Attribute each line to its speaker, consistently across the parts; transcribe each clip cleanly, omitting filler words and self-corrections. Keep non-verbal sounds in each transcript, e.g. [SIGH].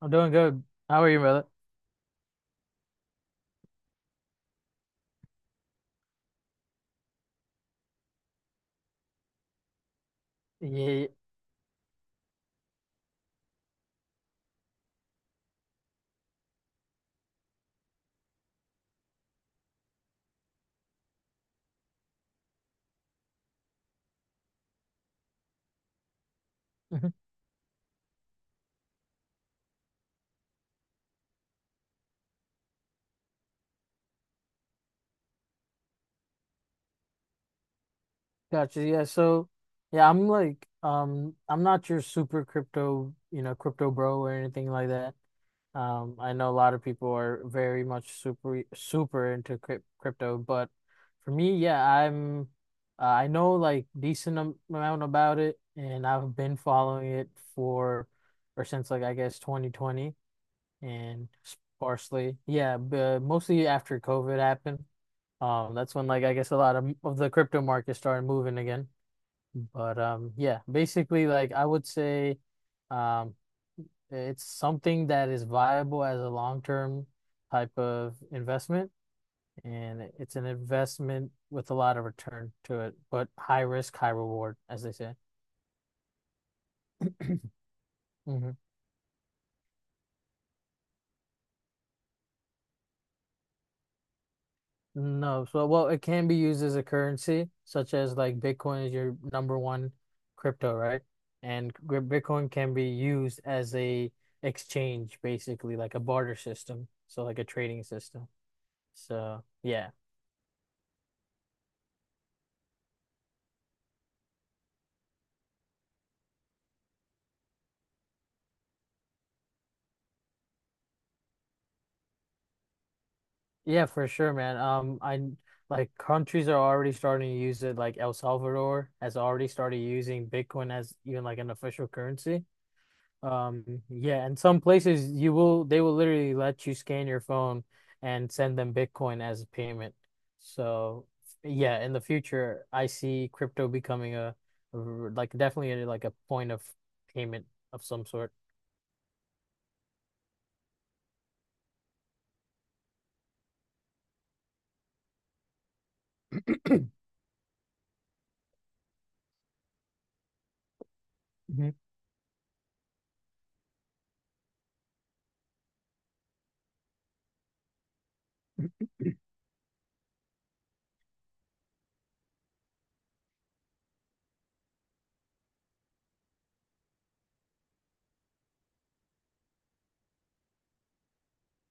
Speaker 1: I'm doing good. How are you, brother? Yeah, [LAUGHS] Gotcha. Yeah, so yeah, I'm like I'm not your super crypto, crypto bro or anything like that. I know a lot of people are very much super super into crypto, but for me, yeah, I'm I know like decent amount about it and I've been following it for or since like I guess 2020 and sparsely. Yeah, but mostly after COVID happened. That's when like I guess a lot of the crypto market started moving again. But yeah, basically like I would say, um, it's something that is viable as a long-term type of investment, and it's an investment with a lot of return to it, but high risk, high reward, as they say. Mhm. No, so well, it can be used as a currency, such as like Bitcoin is your number one crypto, right? And Bitcoin can be used as a exchange, basically, like a barter system, so like a trading system. So yeah, yeah, for sure, man. I like countries are already starting to use it, like El Salvador has already started using Bitcoin as even like an official currency. Yeah, and some places you will they will literally let you scan your phone and send them Bitcoin as a payment. So, yeah, in the future, I see crypto becoming a like definitely a point of payment of some sort. [CLEARS THROAT] Mhm.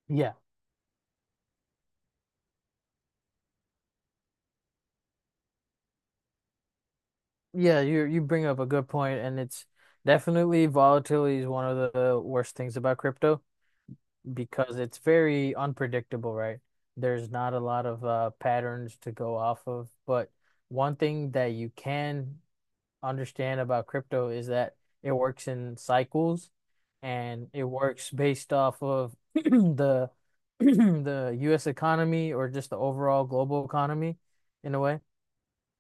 Speaker 1: Yeah. Yeah, you bring up a good point, and it's definitely volatility is one of the worst things about crypto, because it's very unpredictable, right? There's not a lot of patterns to go off of. But one thing that you can understand about crypto is that it works in cycles and it works based off of [CLEARS THROAT] the [CLEARS THROAT] the US economy or just the overall global economy in a way.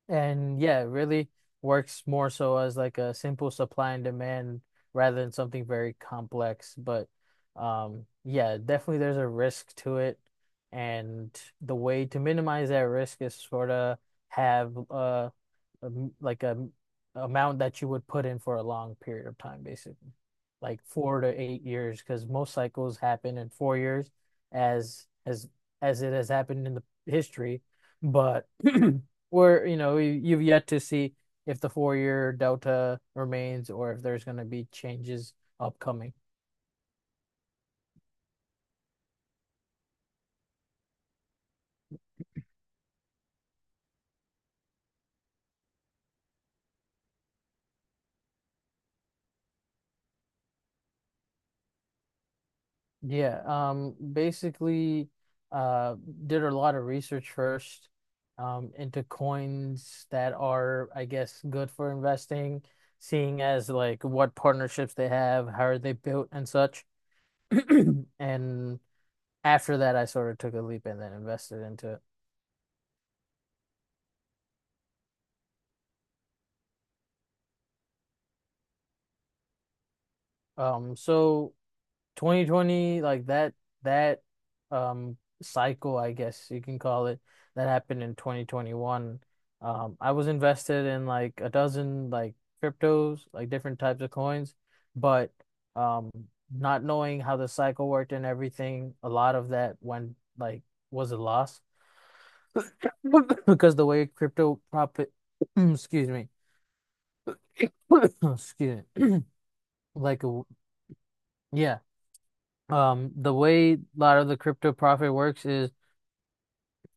Speaker 1: And yeah, it really works more so as like a simple supply and demand rather than something very complex. But yeah, definitely there's a risk to it. And the way to minimize that risk is sort of have a m- like a m- amount that you would put in for a long period of time, basically, like 4 to 8 years, because most cycles happen in 4 years, as as as it has happened in the history, but [CLEARS THROAT] where you've yet to see if the 4-year delta remains or if there's going to be changes upcoming. Yeah, basically, uh, did a lot of research first, into coins that are, I guess, good for investing, seeing as like what partnerships they have, how are they built, and such. [CLEARS THROAT] And after that, I sort of took a leap and then invested into it. So 2020, like that um cycle, I guess you can call it, that happened in 2021. I was invested in like a dozen like cryptos, like different types of coins, but um not knowing how the cycle worked and everything, a lot of that went like was a loss [LAUGHS] because the way crypto profit, [CLEARS THROAT] excuse me, [COUGHS] [CLEARS THROAT] excuse me, [CLEARS THROAT] like a, yeah, the way a lot of the crypto profit works is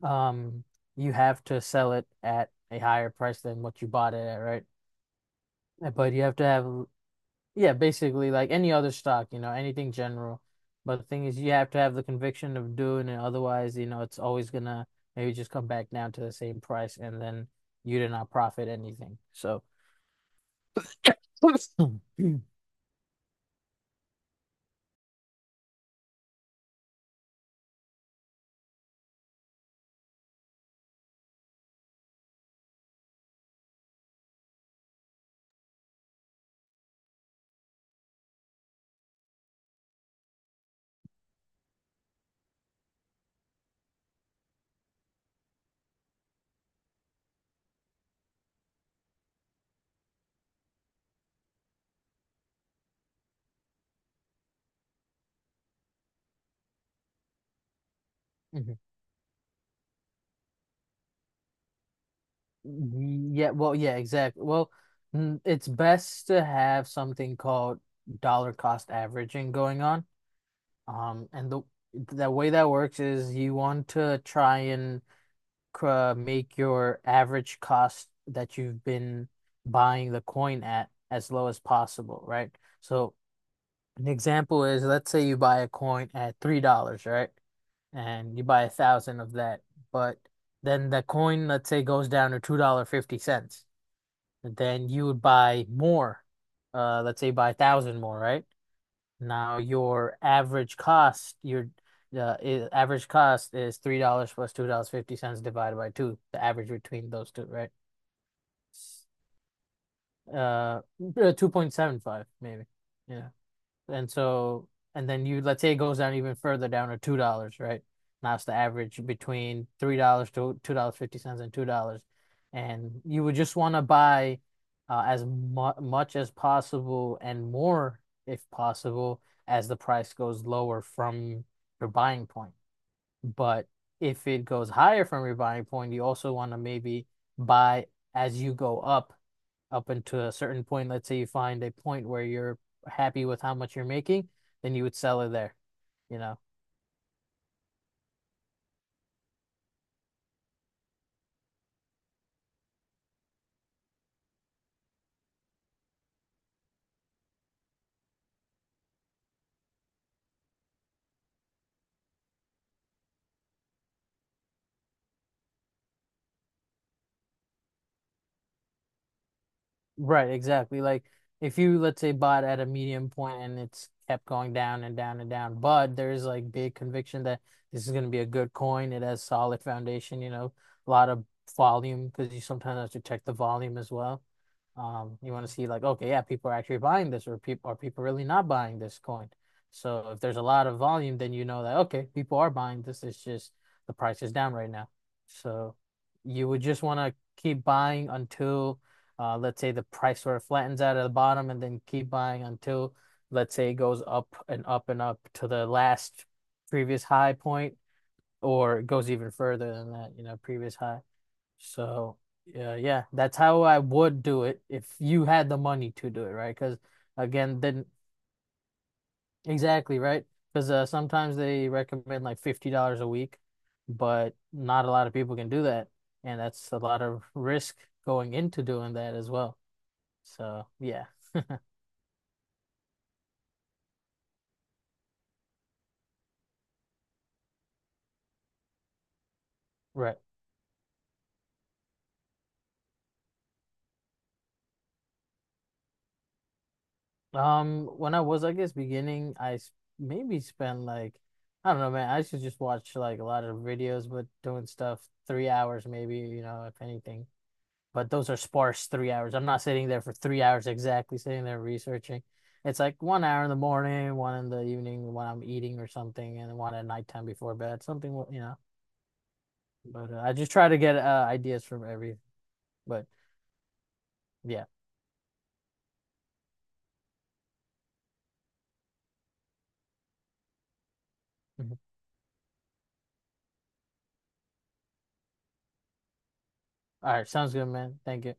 Speaker 1: um, you have to sell it at a higher price than what you bought it at, right? But you have to have, yeah, basically like any other stock, anything general. But the thing is, you have to have the conviction of doing it. Otherwise, it's always gonna maybe just come back down to the same price, and then you did not profit anything. So, [COUGHS] [LAUGHS] yeah, well, yeah, exactly. Well, it's best to have something called dollar cost averaging going on. And the way that works is you want to try and make your average cost that you've been buying the coin at as low as possible, right? So an example is let's say you buy a coin at $3, right? And you buy 1,000 of that, but then the coin, let's say, goes down to $2 50 cents. Then you would buy more. Let's say you buy 1,000 more, right? Now your average cost, your average cost is $3 plus $2 50 cents divided by two, the average between those two, right? Uh, 2.75 maybe. Yeah. And so, and then you, let's say it goes down even further down to $2, right? Now it's the average between $3 to $2.50 and 50 cents and $2. And you would just want to buy as mu much as possible and more, if possible, as the price goes lower from your buying point. But if it goes higher from your buying point, you also want to maybe buy as you go up into a certain point. Let's say you find a point where you're happy with how much you're making, then you would sell it there. You know, Right, exactly. Like if you let's say bought at a medium point and it's kept going down and down and down, but there's like big conviction that this is going to be a good coin. It has solid foundation, a lot of volume because you sometimes have to check the volume as well. You want to see like, okay, yeah, people are actually buying this, or people really not buying this coin. So if there's a lot of volume, then you know that okay, people are buying this. It's just the price is down right now. So you would just want to keep buying until. Let's say the price sort of flattens out at the bottom and then keep buying until, let's say, it goes up and up and up to the last previous high point, or it goes even further than that, previous high. So, yeah, yeah, that's how I would do it if you had the money to do it, right? Because again, then exactly, right? Because sometimes they recommend like $50 a week, but not a lot of people can do that. And that's a lot of risk going into doing that as well. So, yeah. Right. When I was, I guess, beginning, maybe spent like, I don't know, man. I should just watch like a lot of videos, but doing stuff 3 hours, maybe, if anything. But those are sparse 3 hours. I'm not sitting there for 3 hours exactly, sitting there researching. It's like 1 hour in the morning, one in the evening when I'm eating or something, and one at nighttime before bed, something. But I just try to get ideas from every, but yeah. Mhm. All right. Sounds good, man. Thank you.